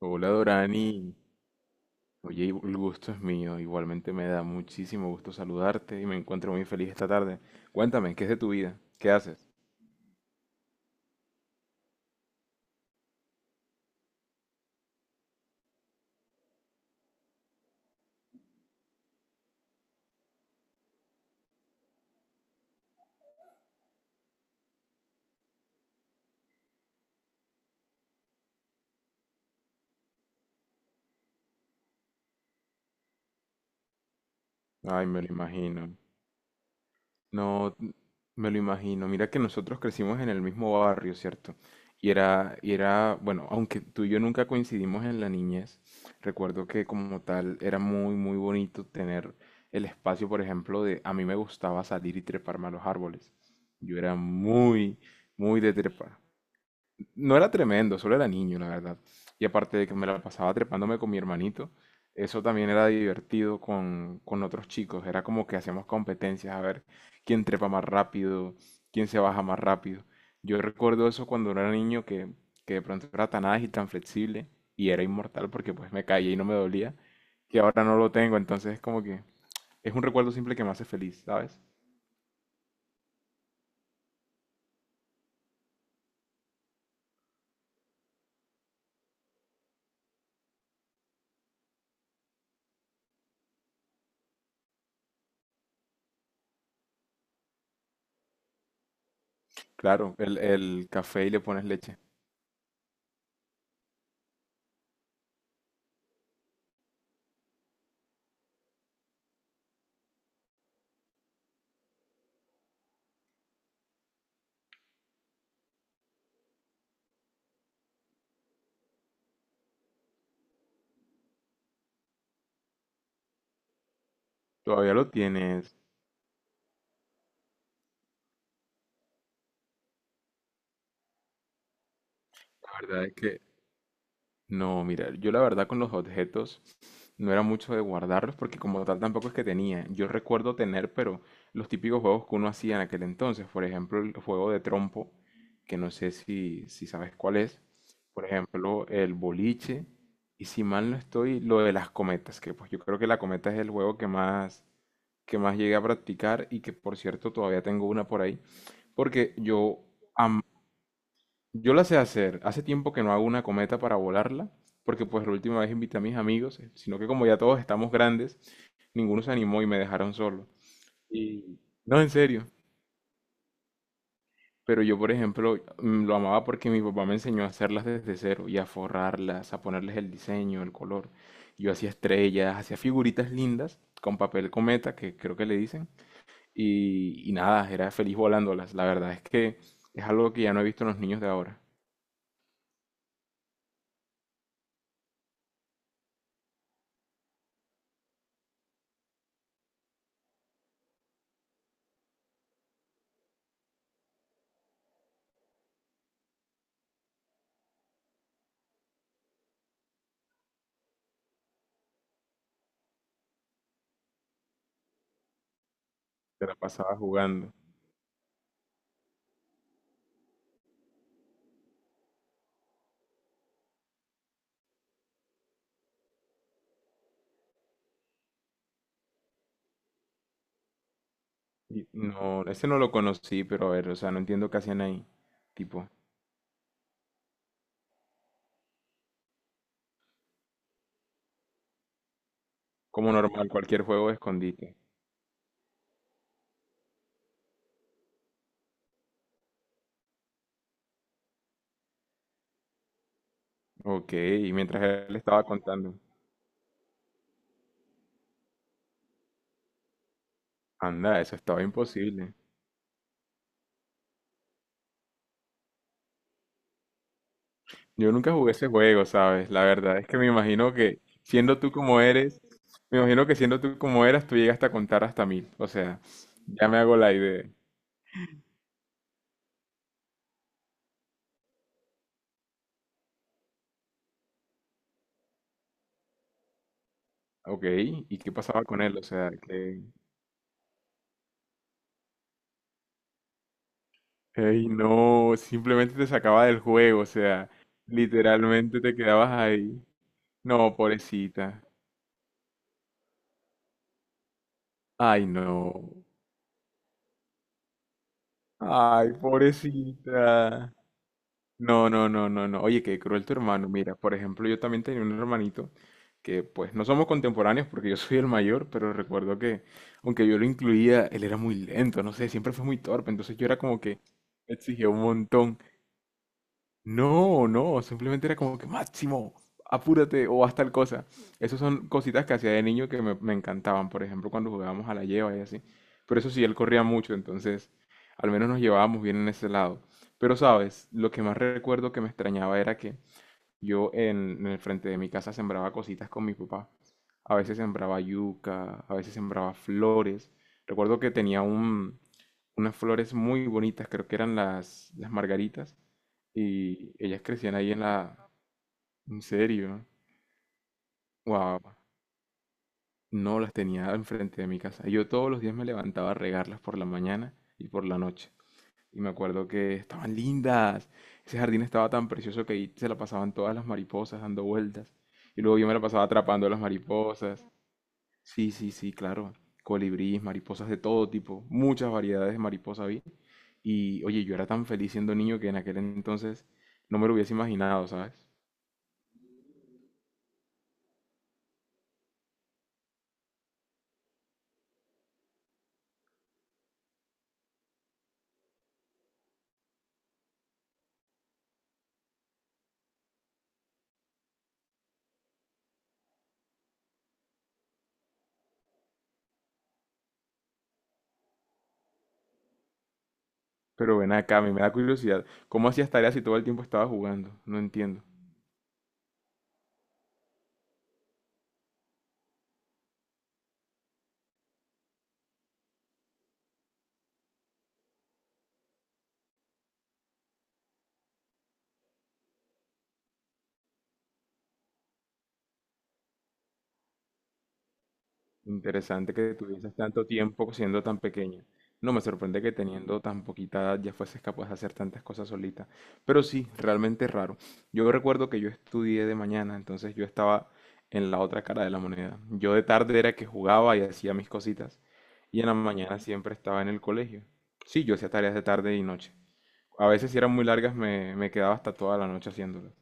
Hola Dorani, oye, el gusto es mío, igualmente me da muchísimo gusto saludarte y me encuentro muy feliz esta tarde. Cuéntame, ¿qué es de tu vida? ¿Qué haces? Ay, me lo imagino. No, n- me lo imagino. Mira que nosotros crecimos en el mismo barrio, ¿cierto? Y era, bueno, aunque tú y yo nunca coincidimos en la niñez, recuerdo que como tal era muy, muy bonito tener el espacio, por ejemplo, de a mí me gustaba salir y treparme a los árboles. Yo era muy, muy de trepar. No era tremendo, solo era niño, la verdad. Y aparte de que me la pasaba trepándome con mi hermanito, eso también era divertido con otros chicos. Era como que hacíamos competencias a ver quién trepa más rápido, quién se baja más rápido. Yo recuerdo eso cuando era niño que de pronto era tan ágil, tan flexible y era inmortal porque pues me caía y no me dolía, que ahora no lo tengo. Entonces es como que es un recuerdo simple que me hace feliz, ¿sabes? Claro, el café y le pones leche. Todavía lo tienes. La verdad es que no, mira, yo la verdad con los objetos no era mucho de guardarlos porque como tal tampoco es que tenía. Yo recuerdo tener, pero los típicos juegos que uno hacía en aquel entonces, por ejemplo, el juego de trompo, que no sé si sabes cuál es, por ejemplo, el boliche, y si mal no estoy, lo de las cometas, que pues yo creo que la cometa es el juego que más llegué a practicar y que por cierto todavía tengo una por ahí, porque yo la sé hacer. Hace tiempo que no hago una cometa para volarla, porque pues la última vez invité a mis amigos, sino que como ya todos estamos grandes, ninguno se animó y me dejaron solo. Y no, en serio. Pero yo, por ejemplo, lo amaba porque mi papá me enseñó a hacerlas desde cero y a forrarlas, a ponerles el diseño, el color. Yo hacía estrellas, hacía figuritas lindas con papel cometa, que creo que le dicen. Y nada, era feliz volándolas. La verdad es que es algo que ya no he visto en los niños de ahora. Se la pasaba jugando. No, ese no lo conocí, pero a ver, o sea, no entiendo qué hacían ahí. Tipo, como normal, cualquier juego de escondite. Ok, y mientras él estaba contando, anda, eso estaba imposible. Yo nunca jugué ese juego, ¿sabes? La verdad es que me imagino que siendo tú como eres, me imagino que siendo tú como eras, tú llegaste a contar hasta 1000. O sea, ya me hago la idea. Ok, ¿y qué pasaba con él? O sea, que... Ey, no, simplemente te sacaba del juego, o sea, literalmente te quedabas ahí. No, pobrecita. Ay, no. Ay, pobrecita. No, no, no, no, no. Oye, qué cruel tu hermano. Mira, por ejemplo, yo también tenía un hermanito que pues no somos contemporáneos porque yo soy el mayor, pero recuerdo que aunque yo lo incluía, él era muy lento, no sé, siempre fue muy torpe, entonces yo era como que exigía un montón. No, no, simplemente era como que Máximo, apúrate o haz tal cosa. Esas son cositas que hacía de niño que me encantaban, por ejemplo, cuando jugábamos a la lleva y así. Pero eso sí, él corría mucho, entonces al menos nos llevábamos bien en ese lado. Pero sabes, lo que más recuerdo que me extrañaba era que yo en el frente de mi casa sembraba cositas con mi papá. A veces sembraba yuca, a veces sembraba flores. Recuerdo que tenía unas flores muy bonitas, creo que eran las margaritas y ellas crecían ahí en la... En serio. Wow. No las tenía enfrente de mi casa. Yo todos los días me levantaba a regarlas por la mañana y por la noche. Y me acuerdo que estaban lindas. Ese jardín estaba tan precioso que ahí se la pasaban todas las mariposas dando vueltas. Y luego yo me la pasaba atrapando a las mariposas. Sí, sí, sí, claro. Colibríes, mariposas de todo tipo. Muchas variedades de mariposa vi. Y oye, yo era tan feliz siendo niño que en aquel entonces no me lo hubiese imaginado, ¿sabes? Pero ven acá, a mí me da curiosidad. ¿Cómo hacías tareas si todo el tiempo estabas jugando? No entiendo. Interesante que tuvieses tanto tiempo siendo tan pequeña. No me sorprende que teniendo tan poquita edad ya fueses capaz de hacer tantas cosas solita. Pero sí, realmente raro. Yo recuerdo que yo estudié de mañana, entonces yo estaba en la otra cara de la moneda. Yo de tarde era que jugaba y hacía mis cositas. Y en la mañana siempre estaba en el colegio. Sí, yo hacía tareas de tarde y noche. A veces si eran muy largas me quedaba hasta toda la noche haciéndolas.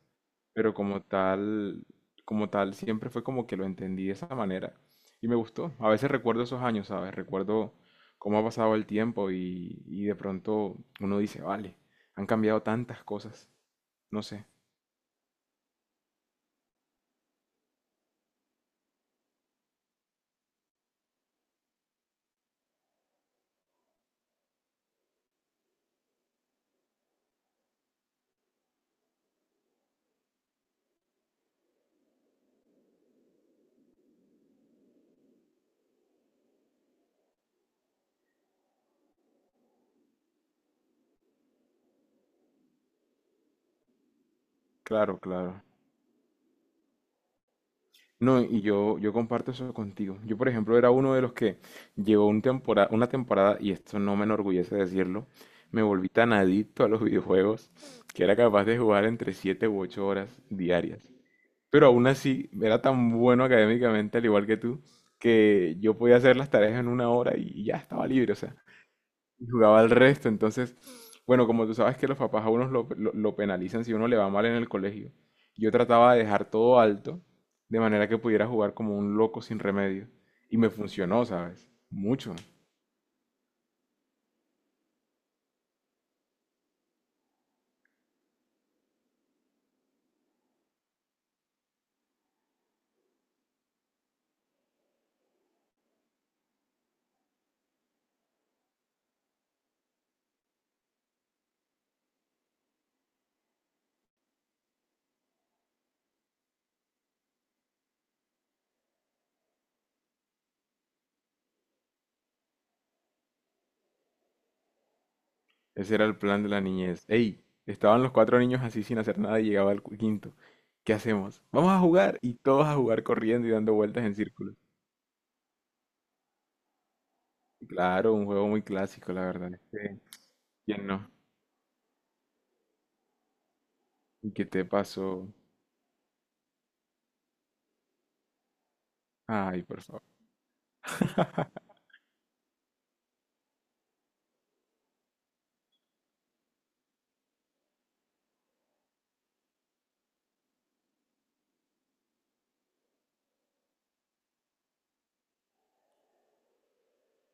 Pero como tal, siempre fue como que lo entendí de esa manera y me gustó. A veces recuerdo esos años, ¿sabes? Recuerdo cómo ha pasado el tiempo y de pronto uno dice, vale, han cambiado tantas cosas. No sé, claro, claro. No, y, yo comparto eso contigo. Yo, por ejemplo, era uno de los que llegó una temporada, y esto no me enorgullece decirlo, me volví tan adicto a los videojuegos que era capaz de jugar entre 7 u 8 horas diarias. Pero aún así, era tan bueno académicamente, al igual que tú, que yo podía hacer las tareas en una hora y ya estaba libre, o sea, y jugaba al resto. Entonces, bueno, como tú sabes que los papás a unos lo penalizan si uno le va mal en el colegio, yo trataba de dejar todo alto, de manera que pudiera jugar como un loco sin remedio. Y me funcionó, ¿sabes? Mucho. Ese era el plan de la niñez. Ey, estaban los cuatro niños así sin hacer nada y llegaba el quinto. ¿Qué hacemos? Vamos a jugar. Y todos a jugar corriendo y dando vueltas en círculo. Claro, un juego muy clásico, la verdad es que, ¿quién no? ¿Y qué te pasó? Ay, por favor.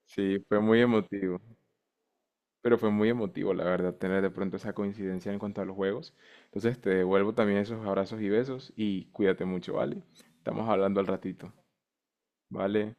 Sí, fue muy emotivo, pero fue muy emotivo, la verdad, tener de pronto esa coincidencia en cuanto a los juegos. Entonces te devuelvo también esos abrazos y besos y cuídate mucho, ¿vale? Estamos hablando al ratito, ¿vale?